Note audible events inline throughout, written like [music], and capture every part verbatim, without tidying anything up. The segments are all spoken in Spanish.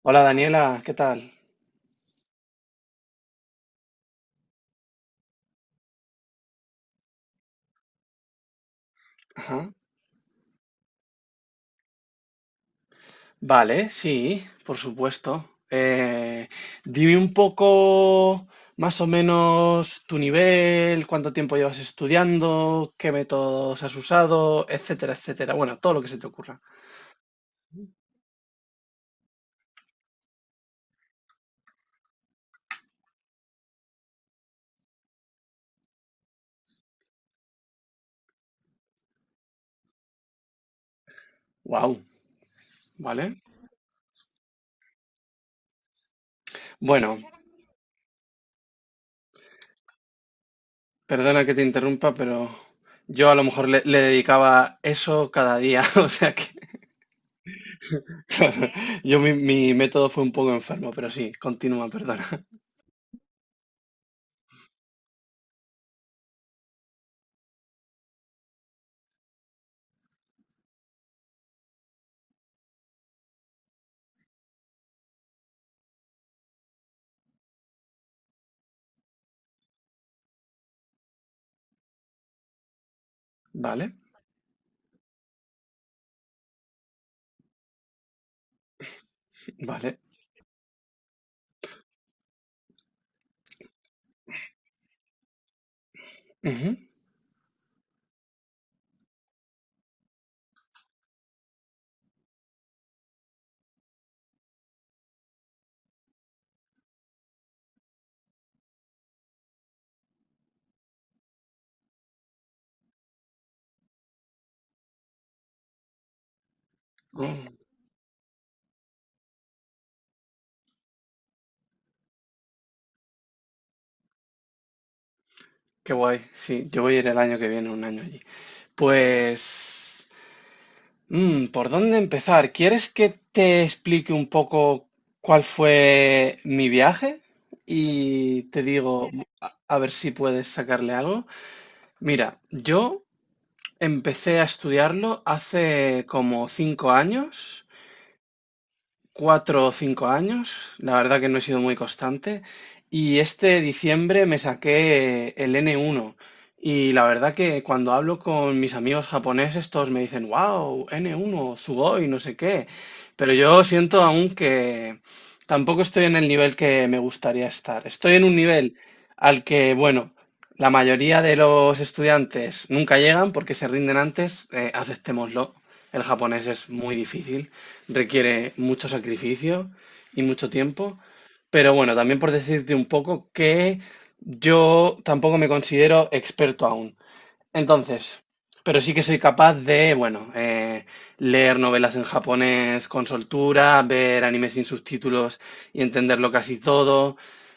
Hola Daniela, ¿qué tal? Ajá. Vale, sí, por supuesto. Eh, dime un poco más o menos tu nivel, cuánto tiempo llevas estudiando, qué métodos has usado, etcétera, etcétera. Bueno, todo lo que se te ocurra. Wow, ¿vale? Bueno, perdona que te interrumpa, pero yo a lo mejor le, le dedicaba eso cada día, [laughs] o sea que, claro, yo mi, mi método fue un poco enfermo, pero sí, continúa, perdona. [laughs] Vale, vale. Oh, qué guay. Sí, yo voy a ir el año que viene, un año allí. Pues, mm, ¿por dónde empezar? ¿Quieres que te explique un poco cuál fue mi viaje? Y te digo, a, a ver si puedes sacarle algo. Mira, yo empecé a estudiarlo hace como cinco años, cuatro o cinco años. La verdad que no he sido muy constante. Y este diciembre me saqué el N uno. Y la verdad que cuando hablo con mis amigos japoneses, todos me dicen, wow, N uno, sugoi, no sé qué. Pero yo siento aún que tampoco estoy en el nivel que me gustaría estar. Estoy en un nivel al que, bueno, la mayoría de los estudiantes nunca llegan porque se rinden antes, eh, aceptémoslo. El japonés es muy difícil, requiere mucho sacrificio y mucho tiempo. Pero bueno, también por decirte un poco que yo tampoco me considero experto aún. Entonces, pero sí que soy capaz de, bueno, eh, leer novelas en japonés con soltura, ver animes sin subtítulos y entenderlo casi todo.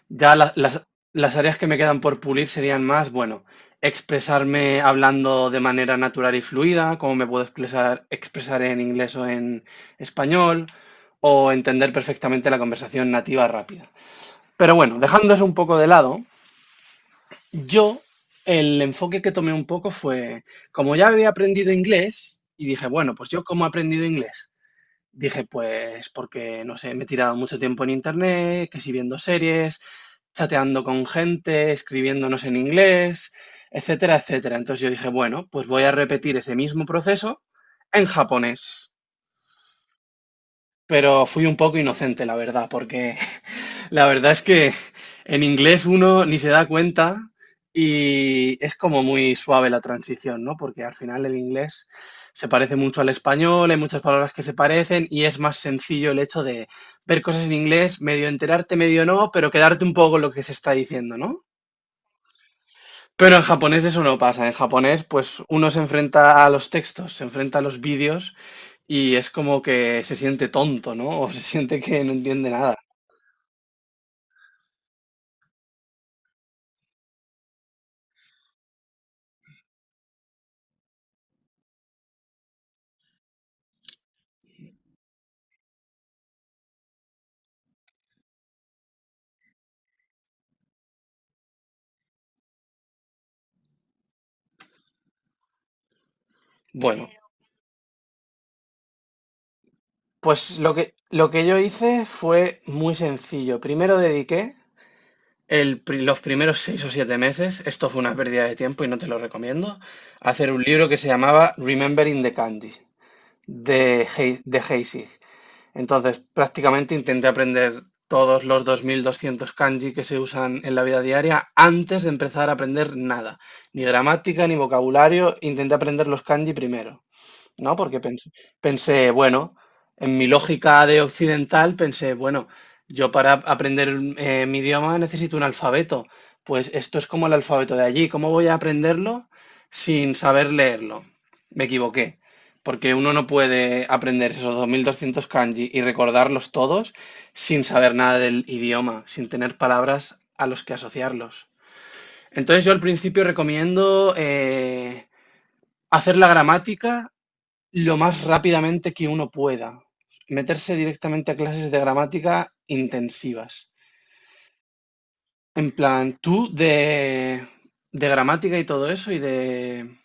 Ya la- las, las áreas que me quedan por pulir serían más, bueno, expresarme hablando de manera natural y fluida, como me puedo expresar, expresar en inglés o en español, o entender perfectamente la conversación nativa rápida. Pero bueno, dejando eso un poco de lado, yo, el enfoque que tomé un poco fue, como ya había aprendido inglés, y dije, bueno, pues yo cómo he aprendido inglés. Dije, pues porque, no sé, me he tirado mucho tiempo en internet, que si viendo series, chateando con gente, escribiéndonos en inglés, etcétera, etcétera. Entonces yo dije, bueno, pues voy a repetir ese mismo proceso en japonés. Pero fui un poco inocente, la verdad, porque la verdad es que en inglés uno ni se da cuenta y es como muy suave la transición, ¿no? Porque al final el inglés se parece mucho al español, hay muchas palabras que se parecen y es más sencillo el hecho de ver cosas en inglés, medio enterarte, medio no, pero quedarte un poco con lo que se está diciendo, ¿no? Pero en japonés eso no pasa. En japonés, pues uno se enfrenta a los textos, se enfrenta a los vídeos y es como que se siente tonto, ¿no? [laughs] O se siente que no entiende nada. Bueno, pues lo que, lo que yo hice fue muy sencillo. Primero dediqué el pri- los primeros seis o siete meses, esto fue una pérdida de tiempo y no te lo recomiendo, a hacer un libro que se llamaba Remembering the Candy de, Hei- de Heisig. Entonces, prácticamente intenté aprender todos los dos mil doscientos kanji que se usan en la vida diaria antes de empezar a aprender nada, ni gramática ni vocabulario, intenté aprender los kanji primero, ¿no? Porque pens- pensé, bueno, en mi lógica de occidental, pensé, bueno, yo para aprender eh, mi idioma necesito un alfabeto. Pues esto es como el alfabeto de allí. ¿Cómo voy a aprenderlo sin saber leerlo? Me equivoqué, porque uno no puede aprender esos dos mil doscientos kanji y recordarlos todos sin saber nada del idioma, sin tener palabras a los que asociarlos. Entonces yo al principio recomiendo eh, hacer la gramática lo más rápidamente que uno pueda. Meterse directamente a clases de gramática intensivas. En plan, tú de, de, gramática y todo eso y de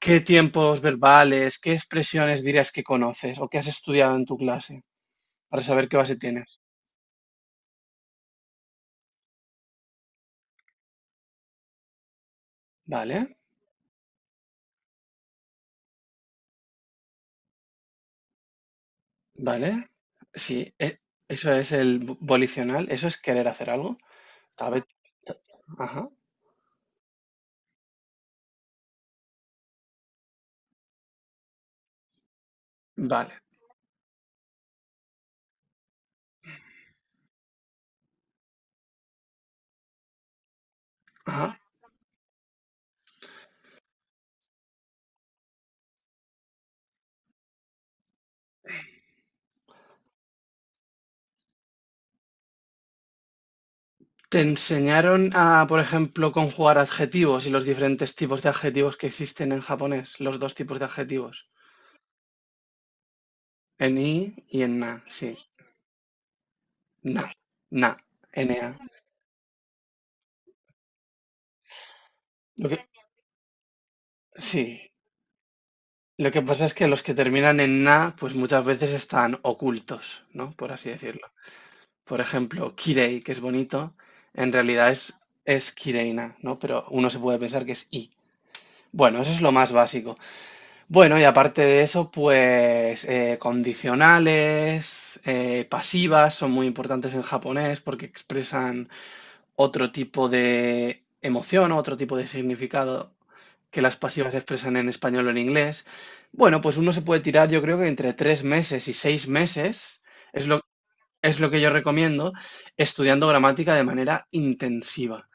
qué tiempos verbales, qué expresiones dirías que conoces o que has estudiado en tu clase para saber qué base tienes. Vale, vale. Sí, e- eso es el bo- volicional, eso es querer hacer algo. Sabe- Ajá, vale. Ajá. ¿Te enseñaron a, por ejemplo, conjugar adjetivos y los diferentes tipos de adjetivos que existen en japonés? Los dos tipos de adjetivos, en i y en na, sí. Na, na, na. Lo que- sí, lo que pasa es que los que terminan en na, pues muchas veces están ocultos, ¿no? Por así decirlo. Por ejemplo, kirei, que es bonito, en realidad es, es kireina, ¿no? Pero uno se puede pensar que es i. Bueno, eso es lo más básico. Bueno, y aparte de eso, pues eh, condicionales, eh, pasivas son muy importantes en japonés porque expresan otro tipo de emoción, otro tipo de significado que las pasivas expresan en español o en inglés. Bueno, pues uno se puede tirar, yo creo que entre tres meses y seis meses, es lo, es lo que yo recomiendo, estudiando gramática de manera intensiva.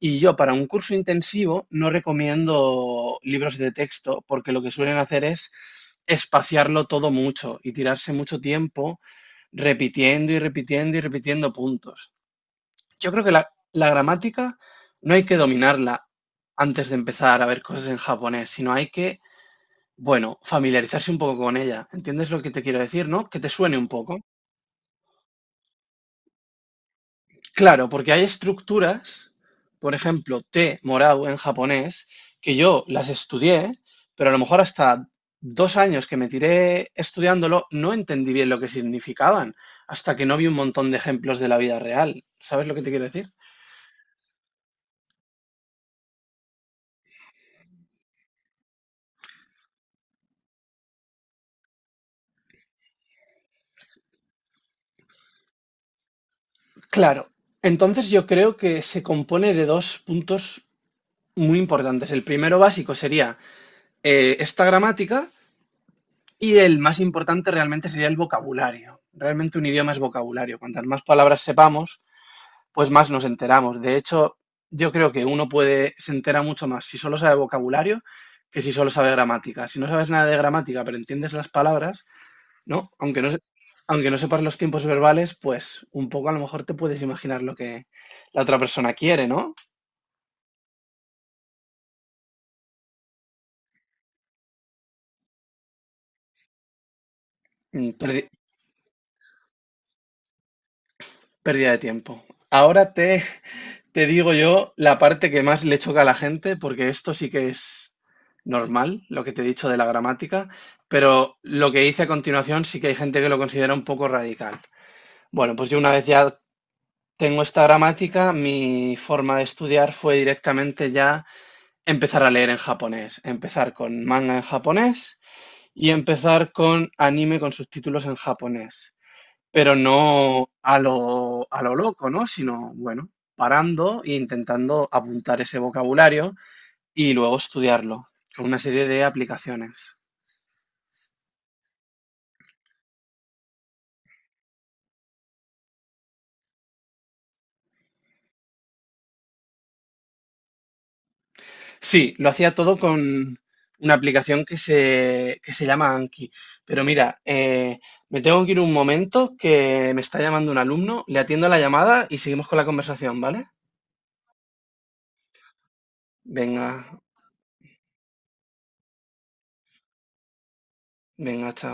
Y yo para un curso intensivo no recomiendo libros de texto porque lo que suelen hacer es espaciarlo todo mucho y tirarse mucho tiempo repitiendo y repitiendo y repitiendo puntos. Yo creo que la, la gramática no hay que dominarla antes de empezar a ver cosas en japonés, sino hay que, bueno, familiarizarse un poco con ella. ¿Entiendes lo que te quiero decir, no? Que te suene un poco. Claro, porque hay estructuras, por ejemplo, T morado en japonés, que yo las estudié, pero a lo mejor hasta dos años que me tiré estudiándolo no entendí bien lo que significaban, hasta que no vi un montón de ejemplos de la vida real. ¿Sabes lo que te quiero decir? Claro, entonces yo creo que se compone de dos puntos muy importantes. El primero básico sería eh, esta gramática y el más importante realmente sería el vocabulario. Realmente un idioma es vocabulario. Cuantas más palabras sepamos, pues más nos enteramos. De hecho, yo creo que uno puede, se entera mucho más si solo sabe vocabulario que si solo sabe gramática. Si no sabes nada de gramática, pero entiendes las palabras, ¿no? Aunque no, se- aunque no sepas los tiempos verbales, pues un poco a lo mejor te puedes imaginar lo que la otra persona quiere, ¿no? Mm, perdi- Pérdida de tiempo. Ahora te Te digo yo la parte que más le choca a la gente, porque esto sí que es normal, lo que te he dicho de la gramática, pero lo que hice a continuación sí que hay gente que lo considera un poco radical. Bueno, pues yo una vez ya tengo esta gramática, mi forma de estudiar fue directamente ya empezar a leer en japonés, empezar con manga en japonés y empezar con anime con subtítulos en japonés pero no a lo, a lo loco, ¿no? Sino, bueno, parando e intentando apuntar ese vocabulario y luego estudiarlo con una serie de aplicaciones. Sí, lo hacía todo con una aplicación que se, que se llama Anki. Pero mira, eh, me tengo que ir un momento que me está llamando un alumno, le atiendo la llamada y seguimos con la conversación, ¿vale? Venga, venga, chao.